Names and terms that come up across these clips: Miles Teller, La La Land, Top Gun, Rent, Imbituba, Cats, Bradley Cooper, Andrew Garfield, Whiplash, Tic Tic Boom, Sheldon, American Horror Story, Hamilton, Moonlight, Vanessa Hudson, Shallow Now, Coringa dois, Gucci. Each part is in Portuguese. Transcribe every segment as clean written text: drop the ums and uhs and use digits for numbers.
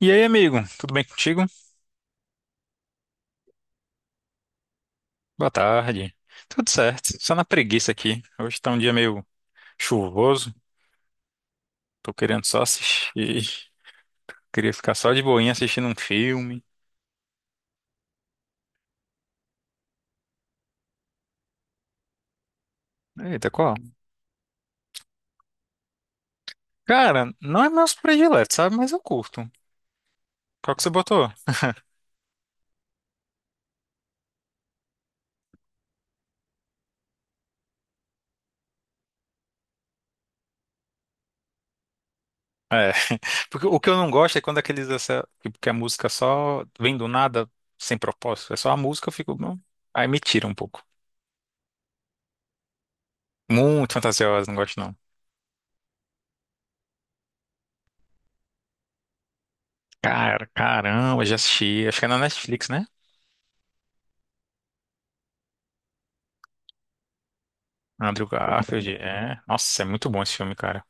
E aí, amigo, tudo bem contigo? Boa tarde. Tudo certo, só na preguiça aqui. Hoje tá um dia meio chuvoso, tô querendo só assistir. Queria ficar só de boinha assistindo um filme. Eita, qual? Cara, não é meus prediletos, sabe? Mas eu curto. Qual que você botou? É, porque o que eu não gosto é quando aqueles, essa, tipo, que a música só vem do nada, sem propósito. É só a música, eu fico, não. Aí me tira um pouco. Muito fantasiosa, não gosto não. Cara, caramba, já assisti. Acho que é na Netflix, né? Andrew Garfield, é. Nossa, é muito bom esse filme, cara.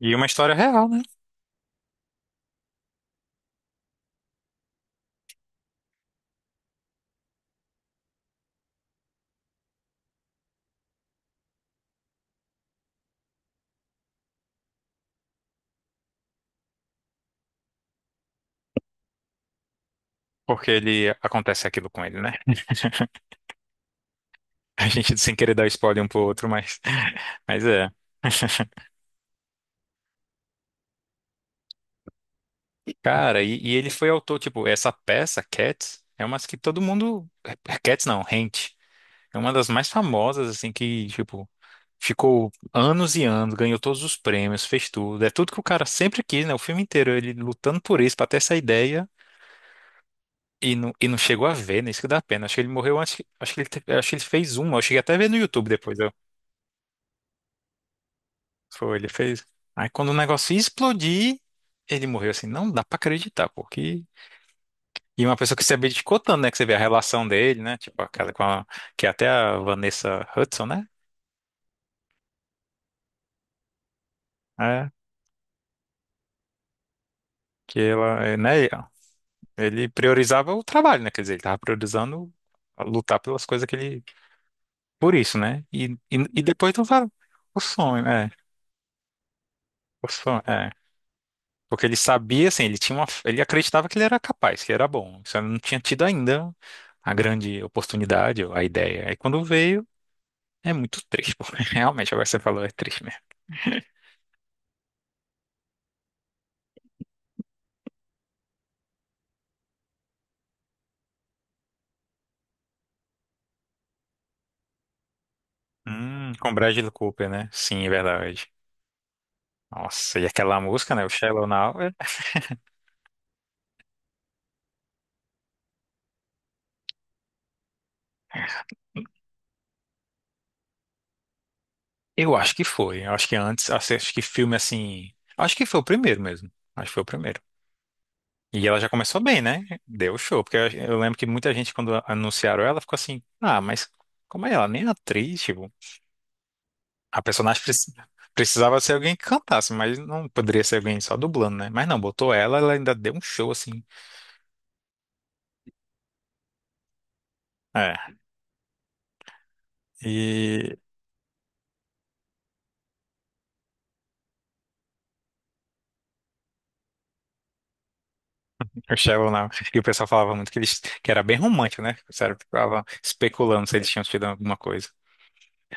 E uma história real, né? Porque ele acontece aquilo com ele, né? A gente sem querer dar spoiler um pro outro, mas, mas é. Cara, e ele foi autor, tipo, essa peça, Cats, é uma que todo mundo. Cats não, Rent. É uma das mais famosas, assim, que, tipo, ficou anos e anos, ganhou todos os prêmios, fez tudo. É tudo que o cara sempre quis, né? O filme inteiro, ele lutando por isso, pra ter essa ideia. E não chegou a ver, né? Isso que dá pena. Acho que ele morreu antes. Acho que ele fez uma. Eu cheguei até a ver no YouTube depois. Foi, ele fez. Aí quando o negócio ia explodir, ele morreu assim. Não dá pra acreditar, porque. E uma pessoa que se abdicou tanto, né? Que você vê a relação dele, né? Tipo, aquela com a. Que é até a Vanessa Hudson, né? É. Que ela, é, né? Ele priorizava o trabalho, né? Quer dizer, ele tava priorizando a lutar pelas coisas que ele. Por isso, né? E depois tu fala. O sonho, é. O sonho, é. Porque ele sabia, assim, ele tinha uma, ele acreditava que ele era capaz, que ele era bom. Só não tinha tido ainda a grande oportunidade, ou a ideia. Aí quando veio, é muito triste, pô. Realmente, agora que você falou, é triste mesmo. Com Bradley Cooper, né? Sim, é verdade. Nossa, e aquela música, né? O Shallow Now. Eu acho que foi. Eu acho que antes, acho que filme assim. Acho que foi o primeiro mesmo. Acho que foi o primeiro. E ela já começou bem, né? Deu show. Porque eu lembro que muita gente, quando anunciaram ela, ficou assim: ah, mas como é ela? Nem é atriz, tipo. A personagem precisava ser alguém que cantasse, mas não poderia ser alguém só dublando, né? Mas não, botou ela ainda deu um show assim. É. E o Sheldon, né? E o pessoal falava muito que eles que era bem romântico, né? O pessoal ficava especulando se eles tinham tido alguma coisa.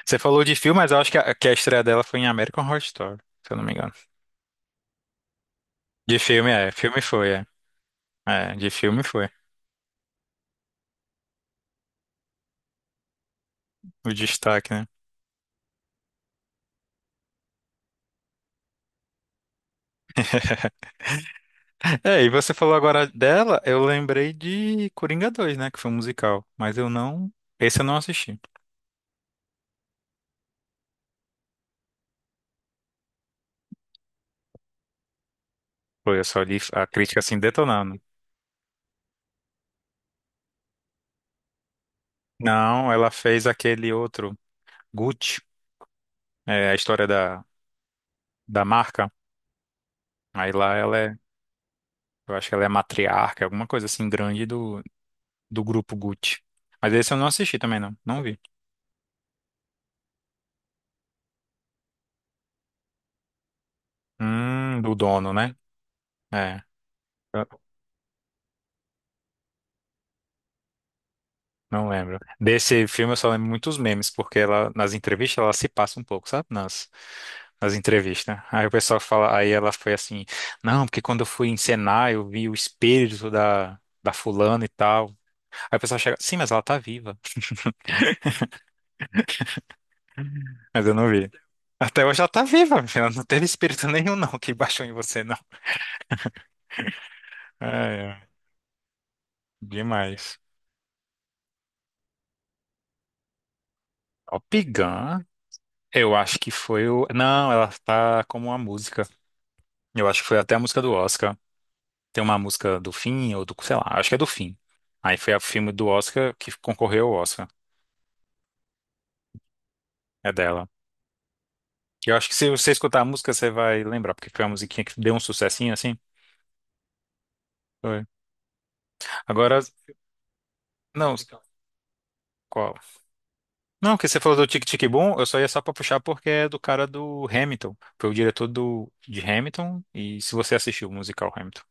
Você falou de filme, mas eu acho que que a estreia dela foi em American Horror Story, se eu não me engano. De filme, é. Filme foi, é. É, de filme foi. O destaque, né? É, e você falou agora dela, eu lembrei de Coringa 2, né? Que foi um musical, mas eu não. Esse eu não assisti. Foi, eu só li a crítica assim detonando. Não, ela fez aquele outro, Gucci, é, a história da marca. Aí lá ela é, eu acho que ela é matriarca, alguma coisa assim grande do grupo Gucci. Mas esse eu não assisti também, não. Não vi. Do dono, né? É. Não lembro. Desse filme eu só lembro muitos memes, porque ela, nas entrevistas ela se passa um pouco, sabe? Nas entrevistas. Aí o pessoal fala, aí ela foi assim, não, porque quando eu fui encenar eu vi o espírito da fulana e tal. Aí o pessoal chega, sim, mas ela tá viva. Mas eu não vi. Até hoje ela tá viva, minha filha. Não teve espírito nenhum, não, que baixou em você, não. É, é, demais. Top Gun, eu acho que foi o. Não, ela tá como uma música. Eu acho que foi até a música do Oscar. Tem uma música do Fim, ou do, sei lá, acho que é do Fim. Aí foi o filme do Oscar que concorreu ao Oscar. É dela. Eu acho que se você escutar a música, você vai lembrar, porque foi uma musiquinha que deu um sucessinho assim. Foi. Agora, não, qual? Não, que você falou do Tic Tic Boom, eu só ia só pra puxar porque é do cara do Hamilton. Foi o diretor de Hamilton, e se você assistiu o musical Hamilton.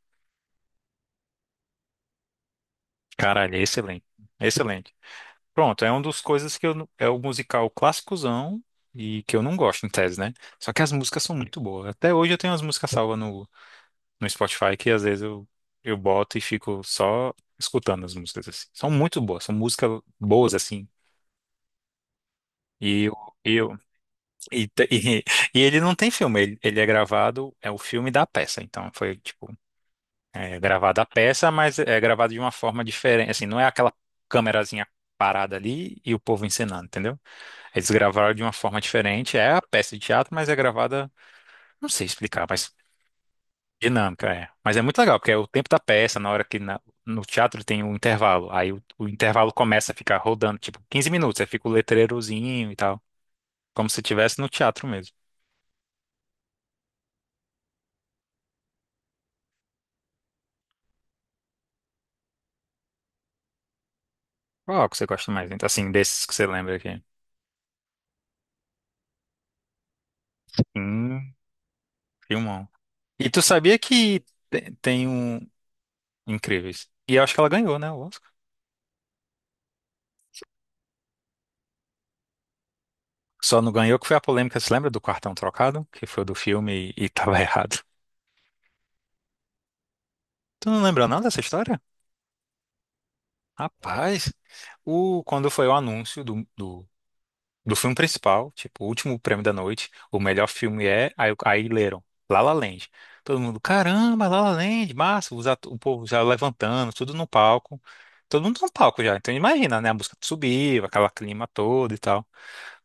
Caralho, é excelente. Excelente. Pronto, é uma das coisas que eu, é o musical clássicozão e que eu não gosto em tese, né? Só que as músicas são muito boas. Até hoje eu tenho as músicas salvas no Spotify que às vezes eu boto e fico só escutando as músicas assim. São muito boas, são músicas boas assim. E eu, eu e, te- e, e ele não tem filme, ele é gravado, é o filme da peça, então foi tipo, é gravada a peça, mas é gravado de uma forma diferente, assim, não é aquela câmerazinha parada ali e o povo encenando, entendeu? Eles gravaram de uma forma diferente. É a peça de teatro, mas é gravada, não sei explicar, mas dinâmica é. Mas é muito legal, porque é o tempo da peça, na hora que no teatro tem um intervalo. Aí o intervalo começa a ficar rodando, tipo, 15 minutos, aí fica o letreirozinho e tal. Como se estivesse no teatro mesmo. Qual que você gosta mais, então, assim, desses que você lembra aqui? Hum, filmão. E tu sabia que tem um... Incríveis. E eu acho que ela ganhou, né, o Oscar? Só não ganhou que foi a polêmica, você lembra do cartão trocado? Que foi do filme e tava errado. Tu não lembra nada dessa história? Rapaz, o, quando foi o anúncio do filme principal, tipo, o último prêmio da noite, o melhor filme é, aí leram, La La Land. Todo mundo, caramba, La La Land, massa, o povo já levantando, tudo no palco. Todo mundo no palco já, então imagina, né, a música subir, aquela clima todo e tal.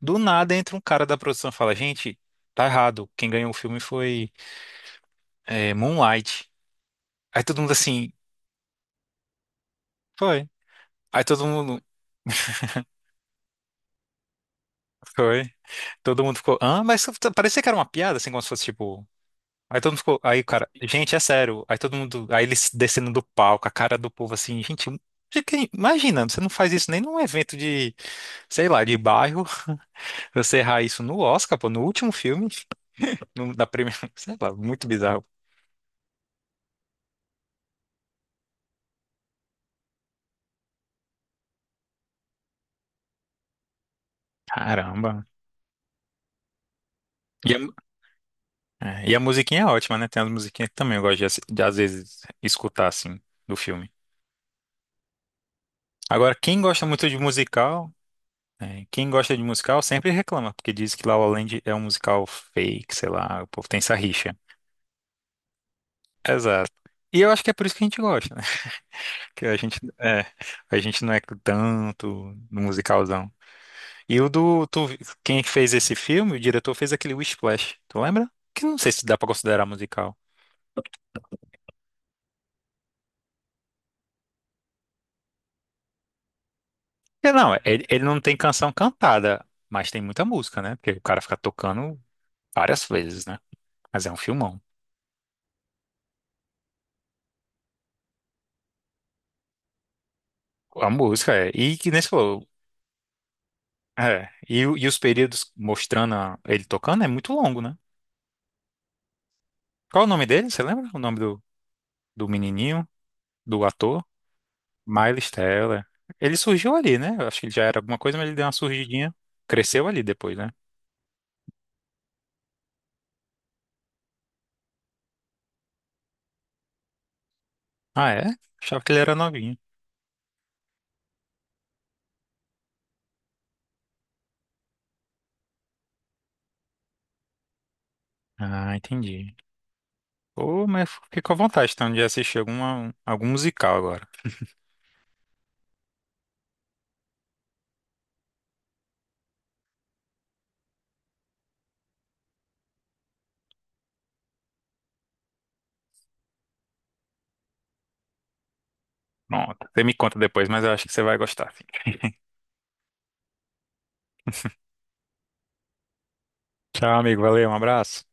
Do nada entra um cara da produção e fala, gente, tá errado, quem ganhou o filme foi Moonlight. Aí todo mundo assim, foi. Aí todo mundo, foi. Todo mundo ficou, ah, mas parecia que era uma piada, assim, como se fosse tipo. Aí todo mundo ficou, aí, cara, gente, é sério. Aí todo mundo, aí eles descendo do palco, a cara do povo assim, gente, imagina, você não faz isso nem num evento de, sei lá, de bairro, você errar isso no Oscar, pô, no último filme, da primeira, sei lá, muito bizarro. Caramba. E a, e a musiquinha é ótima, né? Tem as musiquinhas que também eu gosto de, de, às vezes, escutar, assim, do filme. Agora, quem gosta muito de musical. É, quem gosta de musical sempre reclama, porque diz que La La Land é um musical fake, sei lá, o povo tem essa rixa. Exato. E eu acho que é por isso que a gente gosta, né? Que a gente, é, a gente não é tanto no musicalzão. E o do, tu- quem fez esse filme, o diretor fez aquele Whiplash, tu lembra? Que eu não sei se dá pra considerar musical. É, Não, ele não tem canção cantada, mas tem muita música, né? Porque o cara fica tocando várias vezes, né? Mas é um filmão. A música é. E que nem você falou, É. E os períodos mostrando ele tocando é muito longo, né? Qual o nome dele? Você lembra o nome do menininho, do ator? Miles Teller. Ele surgiu ali, né? Eu acho que ele já era alguma coisa, mas ele deu uma surgidinha. Cresceu ali depois, né? Ah, é? Achava que ele era novinho. Ah, entendi. Pô, mas fiquei com vontade então de assistir alguma, algum musical agora. Pronto. Você me conta depois, mas eu acho que você vai gostar, sim. Tchau, amigo. Valeu, um abraço.